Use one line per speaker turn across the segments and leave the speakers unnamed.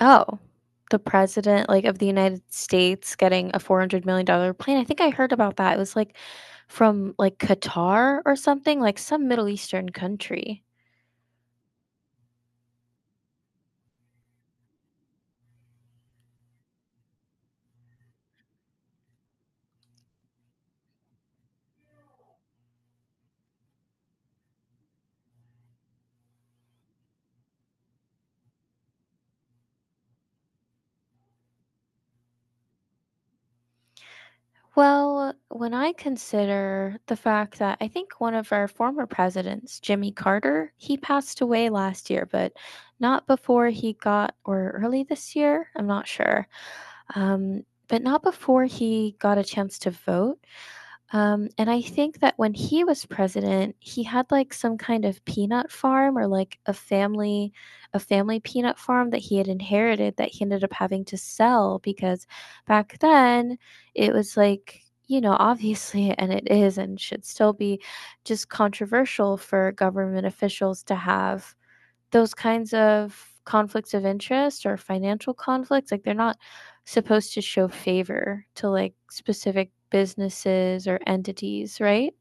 Oh, the president, like, of the United States getting a $400 million dollar plane. I think I heard about that. It was, like, from, like, Qatar or something, like, some Middle Eastern country. Well, when I consider the fact that I think one of our former presidents, Jimmy Carter, he passed away last year, but not before he got or early this year, I'm not sure, but not before he got a chance to vote. And I think that when he was president, he had like some kind of peanut farm or like a family peanut farm that he had inherited that he ended up having to sell because back then it was like, you know, obviously and it is and should still be just controversial for government officials to have those kinds of conflicts of interest or financial conflicts like they're not supposed to show favor to like specific businesses or entities, right?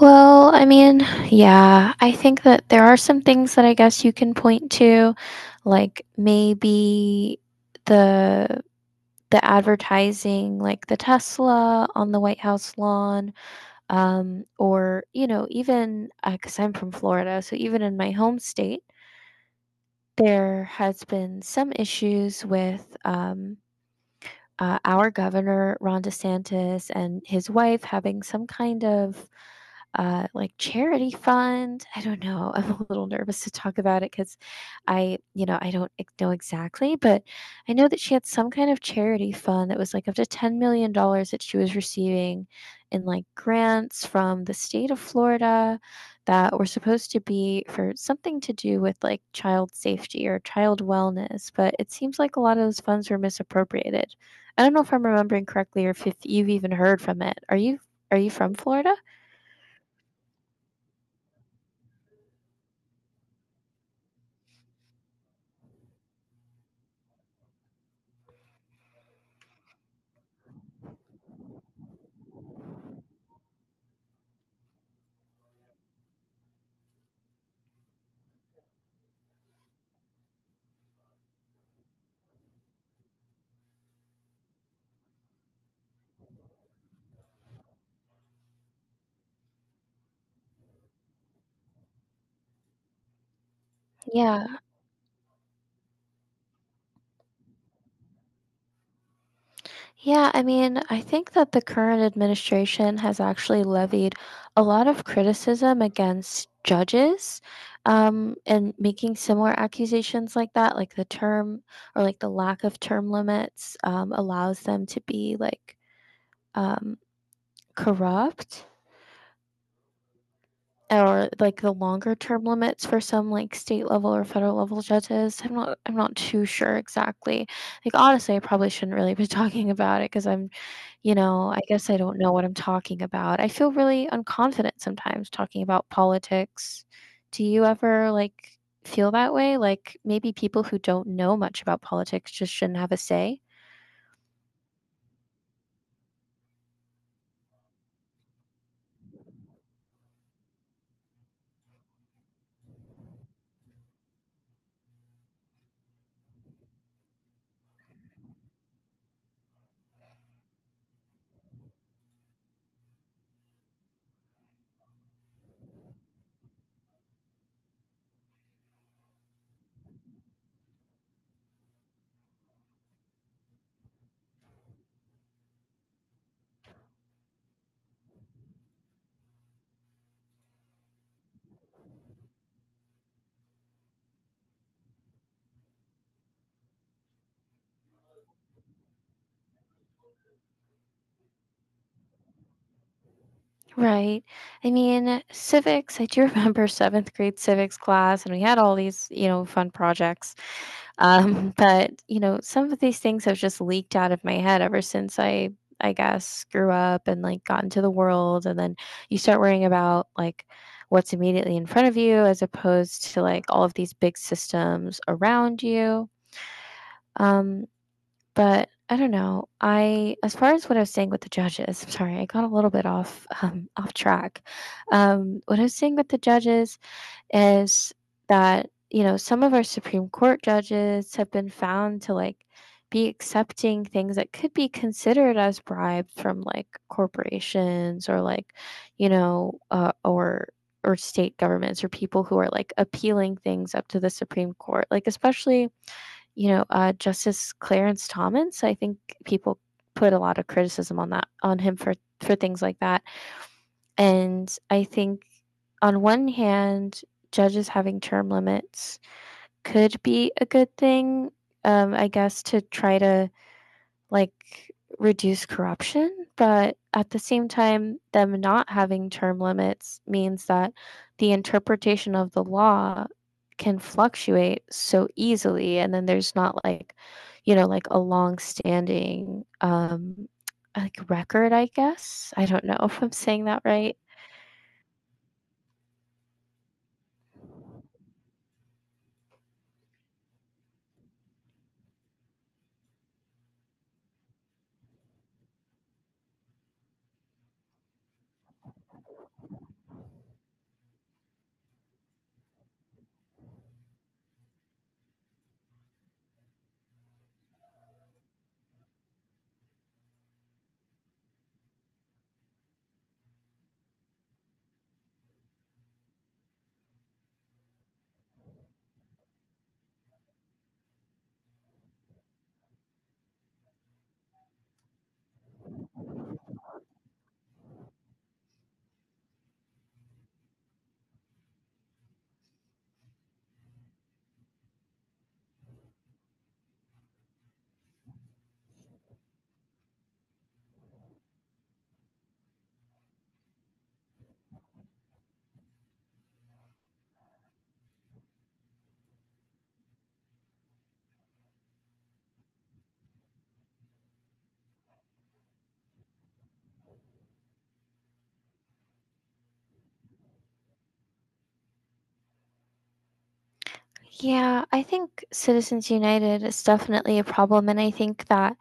Well, I mean, yeah, I think that there are some things that I guess you can point to like maybe the the advertising like the Tesla on the White House lawn or you know, even because cuz I'm from Florida, so even in my home state, there has been some issues with our governor Ron DeSantis and his wife having some kind of like charity fund. I don't know. I'm a little nervous to talk about it because I, you know, I don't know exactly, but I know that she had some kind of charity fund that was like up to $10 million dollars that she was receiving in like grants from the state of Florida that were supposed to be for something to do with like child safety or child wellness. But it seems like a lot of those funds were misappropriated. I don't know if I'm remembering correctly or if you've even heard from it. Are you from Florida? Yeah. Yeah, I mean, I think that the current administration has actually levied a lot of criticism against judges, and making similar accusations like that, like the term or, like, the lack of term limits, allows them to be, like, um, corrupt. Or like the longer term limits for some like state level or federal level judges. I'm not too sure exactly. Like honestly, I probably shouldn't really be talking about it because I'm, you know, I guess I don't know what I'm talking about. I feel really unconfident sometimes talking about politics. Do you ever like feel that way? Like maybe people who don't know much about politics just shouldn't have a say? Right. I mean, civics, I do remember 7th grade civics class, and we had all these, you know, fun projects. But, you know, some of these things have just leaked out of my head ever since I guess grew up and like got into the world and then you start worrying about like what's immediately in front of you as opposed to like all of these big systems around you. Um, but I don't know. I as far as what I was saying with the judges, I'm sorry, I got a little bit off off track. What I was saying with the judges is that you know some of our Supreme Court judges have been found to like be accepting things that could be considered as bribes from like corporations or like or state governments or people who are like appealing things up to the Supreme Court like especially Justice Clarence Thomas. I think people put a lot of criticism on that on him for things like that, and I think on one hand, judges having term limits could be a good thing, I guess, to try to like reduce corruption. But at the same time, them not having term limits means that the interpretation of the law can fluctuate so easily. And then there's not like, you know, like a long standing like record, I guess. I don't know if I'm saying that right. Yeah, I think Citizens United is definitely a problem, and I think that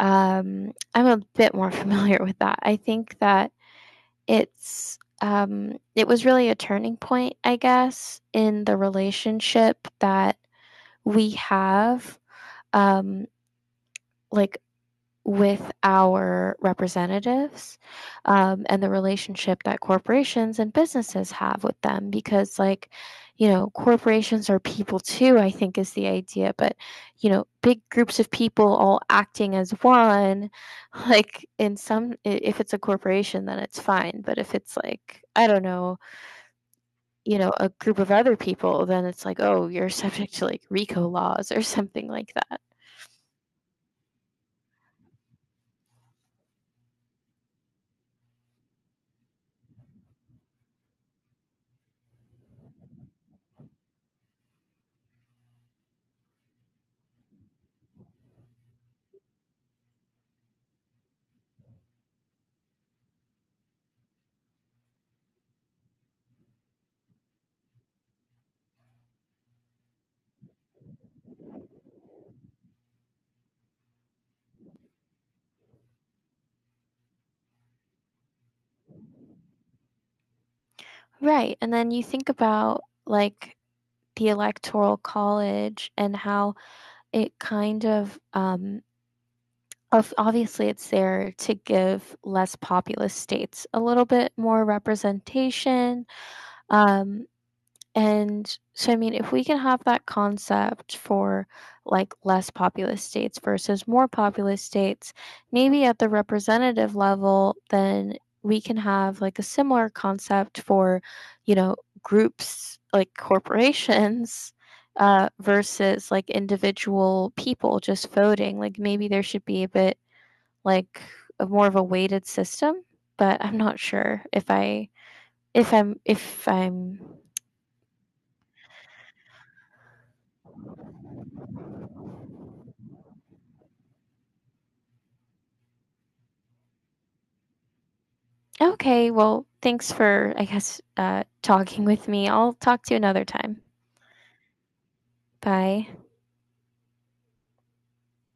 I'm a bit more familiar with that. I think that it was really a turning point, I guess, in the relationship that we have, um, like with our representatives, and the relationship that corporations and businesses have with them because, like, you know, corporations are people too, I think is the idea, but, you know, big groups of people all acting as one, like, in some if it's a corporation, then it's fine, but if it's like, I don't know, you know, a group of other people, then it's like, "Oh, you're subject to, like, RICO laws," or something like that. Right, and then you think about, like, the electoral college and how it kind of obviously it's there to give less populous states a little bit more representation um and so, I mean, if we can have that concept for like less populous states versus more populous states, maybe at the representative level, then we can have like a similar concept for, you know, groups like corporations versus like individual people just voting. Like maybe there should be a bit like a more of a weighted system, but I'm not sure if I'm. Okay, well, thanks for, I guess, talking with me. I'll talk to you another time. Bye.